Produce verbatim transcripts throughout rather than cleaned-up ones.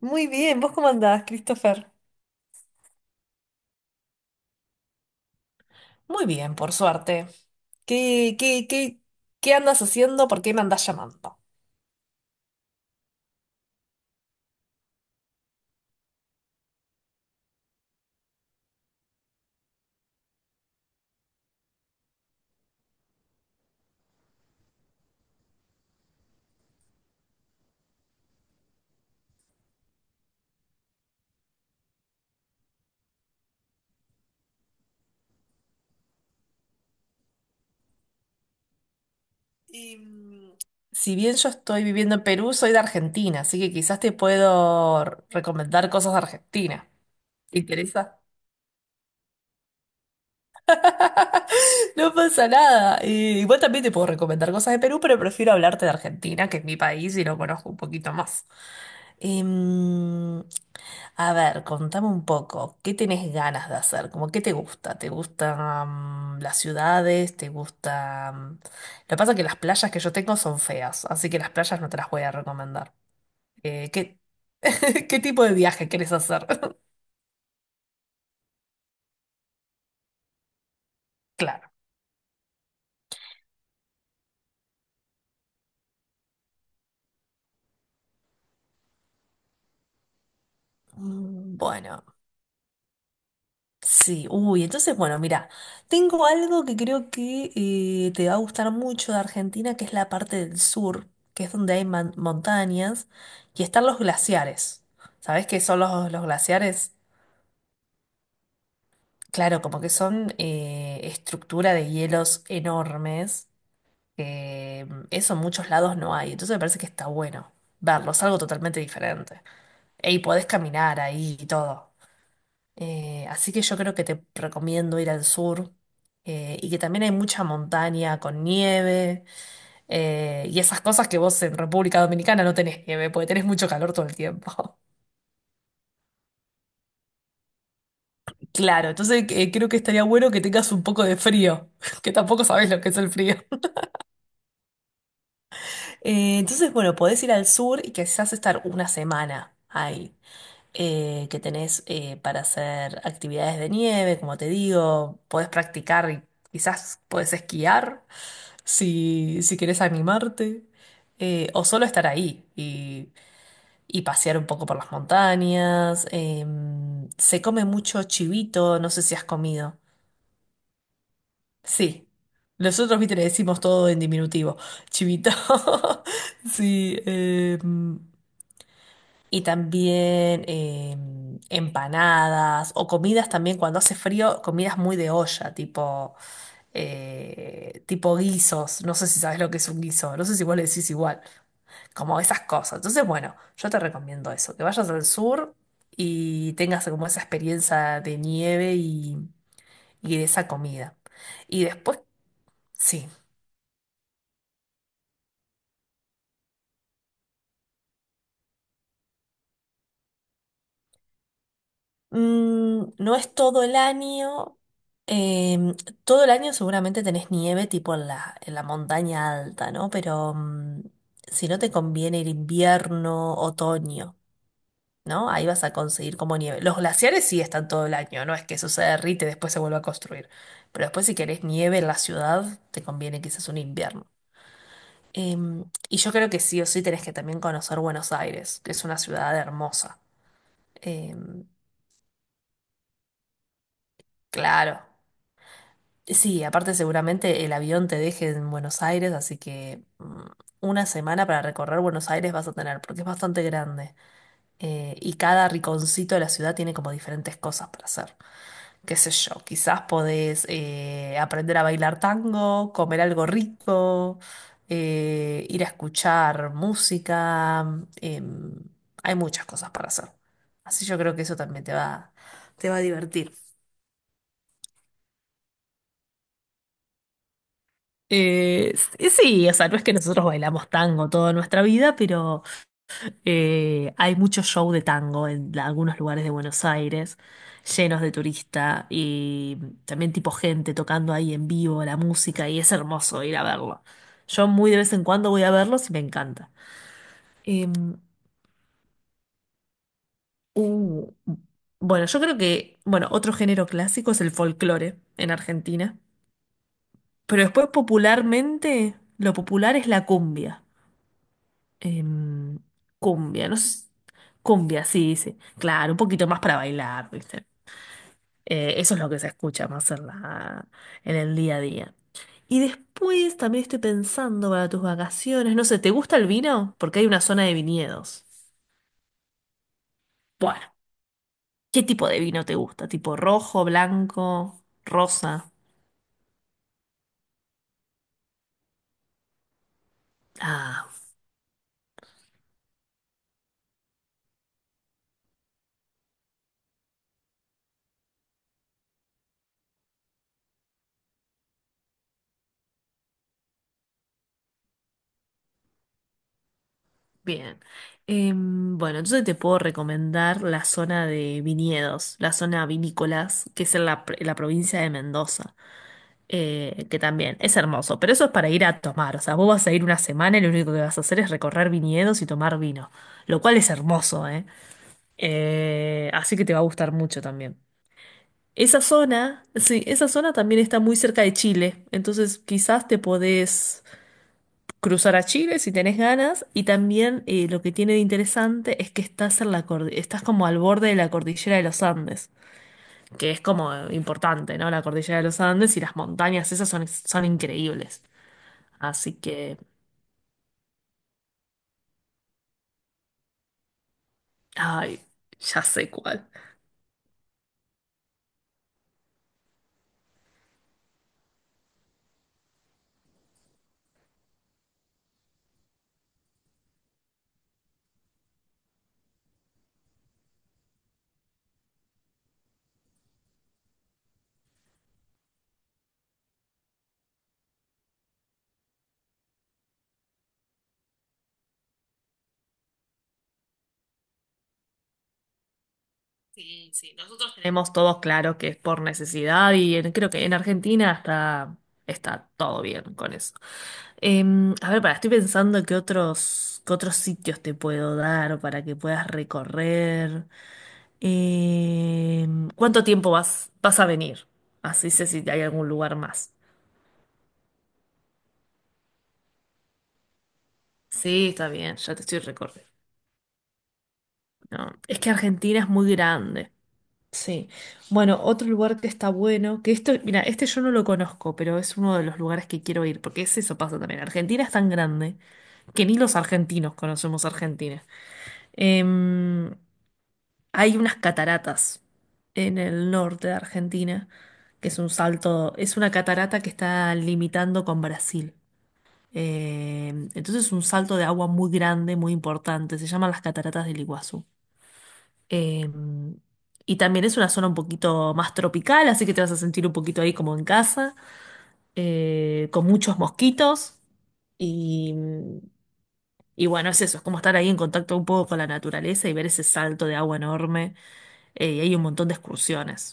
Muy bien, ¿vos cómo andás, Christopher? Muy bien, por suerte. ¿Qué, qué, qué, qué andas haciendo? ¿Por qué me andas llamando? Y, mm, Si bien yo estoy viviendo en Perú, soy de Argentina, así que quizás te puedo r- recomendar cosas de Argentina. ¿Te interesa? No pasa nada. Eh, igual también te puedo recomendar cosas de Perú, pero prefiero hablarte de Argentina, que es mi país y lo conozco un poquito más. Em, A ver, contame un poco, ¿qué tenés ganas de hacer? ¿Cómo ¿qué te gusta? ¿Te gustan mm, las ciudades? ¿Te gustan? Lo que pasa es que las playas que yo tengo son feas, así que las playas no te las voy a recomendar. Eh, ¿qué... ¿Qué tipo de viaje querés hacer? Claro. Mm, Bueno. Sí, uy, entonces, bueno, mira, tengo algo que creo que eh, te va a gustar mucho de Argentina, que es la parte del sur, que es donde hay man- montañas y están los glaciares. ¿Sabés qué son los, los glaciares? Claro, como que son eh, estructura de hielos enormes, que mm, eso en muchos lados no hay, entonces me parece que está bueno verlos, algo totalmente diferente. Y podés caminar ahí y todo. Eh, así que yo creo que te recomiendo ir al sur eh, y que también hay mucha montaña con nieve eh, y esas cosas que vos en República Dominicana no tenés nieve, porque tenés mucho calor todo el tiempo. Claro, entonces eh, creo que estaría bueno que tengas un poco de frío, que tampoco sabés lo que es el frío. Eh, entonces, bueno, podés ir al sur y quizás estar una semana ahí, eh, que tenés eh, para hacer actividades de nieve, como te digo, podés practicar y quizás podés esquiar. Si, si quieres animarte, eh, o solo estar ahí y, y pasear un poco por las montañas. Em, se come mucho chivito, no sé si has comido. Sí, nosotros, viste, le decimos todo en diminutivo, chivito. Sí, em, y también em, empanadas o comidas también cuando hace frío, comidas muy de olla, tipo eh, tipo guisos, no sé si sabes lo que es un guiso, no sé si vos le decís igual, como esas cosas. Entonces, bueno, yo te recomiendo eso, que vayas al sur y tengas como esa experiencia de nieve y, y de esa comida. Y después, sí, mm, no es todo el año. em, Todo el año seguramente tenés nieve tipo en la, en la montaña alta, ¿no? Pero mm, si no te conviene el invierno, otoño. ¿No? Ahí vas a conseguir como nieve. Los glaciares sí están todo el año, no es que eso se derrite y después se vuelva a construir. Pero después si querés nieve en la ciudad, te conviene quizás un invierno. Em, y yo creo que sí o sí tenés que también conocer Buenos Aires, que es una ciudad hermosa. Em, claro. Sí, aparte seguramente el avión te deje en Buenos Aires, así que mm, una semana para recorrer Buenos Aires vas a tener, porque es bastante grande. Eh, y cada riconcito de la ciudad tiene como diferentes cosas para hacer. Qué sé yo, quizás podés eh, aprender a bailar tango, comer algo rico, eh, ir a escuchar música, em, hay muchas cosas para hacer. Así yo creo que eso también te va, te va a divertir. Eh, s- sí, o sea, no es que nosotros bailamos tango toda nuestra vida. Eh, hay mucho show de tango en la- algunos lugares de Buenos Aires, llenos de turista y también tipo gente tocando ahí en vivo la música y es hermoso ir a verlo. Yo muy de vez en cuando voy a verlos y me encanta. Em, uh, bueno, yo creo que, bueno, otro género clásico es el folclore en Argentina, pero después popularmente lo popular es la cumbia. Em, Cumbia, no sé. Cumbia, sí, sí. Claro, un poquito más para bailar, ¿viste? Eh, eso es lo que se escucha más en la, en el día a día. Y después también estoy pensando para tus vacaciones, no sé, ¿te gusta el vino? Porque hay una zona de viñedos. Bueno, ¿qué tipo de vino te gusta? ¿Tipo rojo, blanco, rosa? Ah, bien. Em, bueno, entonces te puedo recomendar la zona de viñedos, la zona vinícolas, que es en la, pr- en la provincia de Mendoza. Eh, que también es hermoso, pero eso es para ir a tomar, o sea, vos vas a ir una semana y lo único que vas a hacer es recorrer viñedos y tomar vino, lo cual es hermoso, ¿eh? Eh, así que te va a gustar mucho también. Esa zona, sí, esa zona también está muy cerca de Chile, entonces quizás te podés cruzar a Chile si tenés ganas y también eh, lo que tiene de interesante es que estás en la cordi- estás como al borde de la cordillera de los Andes, que es como eh, importante, ¿no? La cordillera de los Andes y las montañas esas son, son increíbles. Así que, ay, ya sé cuál. Sí, sí, nosotros tenemos todos claro que es por necesidad y en- creo que en Argentina está, está todo bien con eso. Em, a ver, para, estoy pensando qué otros, qué otros sitios te puedo dar para que puedas recorrer. Em, ¿cuánto tiempo vas, vas a venir? Así sé si hay algún lugar más. Sí, está bien, ya te estoy recorriendo. No, es que Argentina es muy grande. Sí. Bueno, otro lugar que está bueno, que esto, mira, este yo no lo conozco, pero es uno de los lugares que quiero ir, porque es eso pasa también. Argentina es tan grande que ni los argentinos conocemos Argentina. Em, Hay unas cataratas en el norte de Argentina, que es un salto, es una catarata que está limitando con Brasil. Em, entonces es un salto de agua muy grande, muy importante. Se llaman las cataratas del Iguazú. Eh, y también es una zona un poquito más tropical, así que te vas a sentir un poquito ahí como en casa, eh, con muchos mosquitos. Y, y bueno, es eso, es como estar ahí en contacto un poco con la naturaleza y ver ese salto de agua enorme. Eh, y hay un montón de excursiones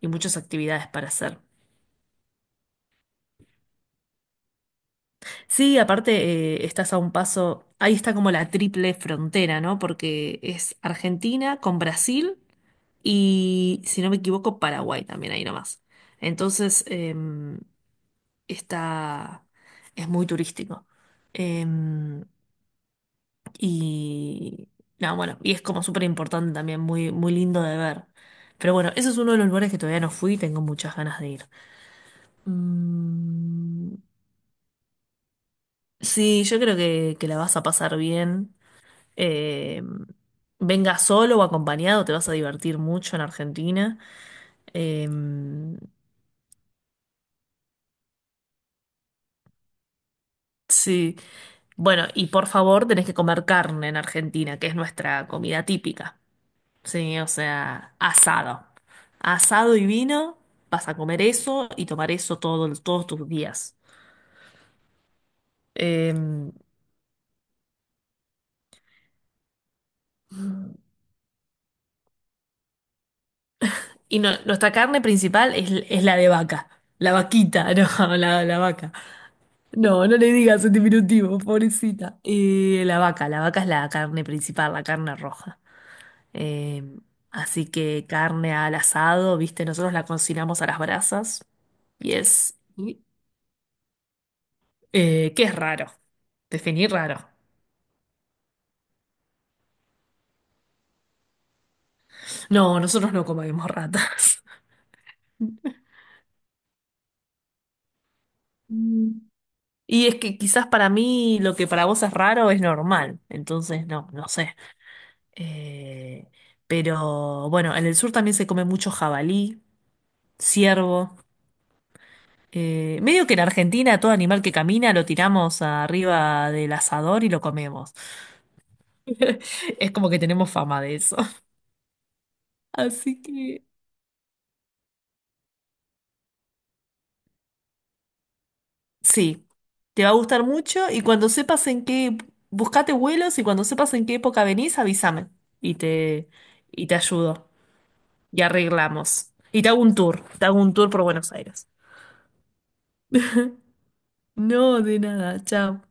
y muchas actividades para hacer. Sí, aparte, eh, estás a un paso, ahí está como la triple frontera, ¿no? Porque es Argentina con Brasil. Y si no me equivoco, Paraguay también ahí nomás. Entonces, em, está, es muy turístico. Em, y no, Bueno, y es como súper importante también, muy, muy lindo de ver. Pero bueno, ese es uno de los lugares que todavía no fui y tengo muchas ganas de ir. Mm, sí, yo creo que, que la vas a pasar bien. Em, Venga solo o acompañado, te vas a divertir mucho en Argentina. Em, Sí, bueno, y por favor, tenés que comer carne en Argentina, que es nuestra comida típica. Sí, o sea, asado. Asado y vino, vas a comer eso y tomar eso todo- todos tus días. Eh, y no- Nuestra carne principal es, es la de vaca. La vaquita, no, la, la vaca. No, no le digas en diminutivo, pobrecita. Eh, la vaca, la vaca es la carne principal, la carne roja. Eh, Así que carne al asado, viste, nosotros la cocinamos a las brasas. Yes. Y, eh, ¿qué es raro? Definir raro. No, nosotros no comemos ratas. Mm. Y es que quizás para mí lo que para vos es raro es normal, entonces no, no sé. Eh, pero bueno, en el sur también se come mucho jabalí, ciervo. Eh, medio que en Argentina todo animal que camina lo tiramos arriba del asador y lo comemos. Es como que tenemos fama de eso. Así que sí, te va a gustar mucho y cuando sepas en qué, buscate vuelos y cuando sepas en qué época venís, avísame y te, y te ayudo y arreglamos. Y te hago un tour, te hago un tour por Buenos Aires. No, de nada, chao.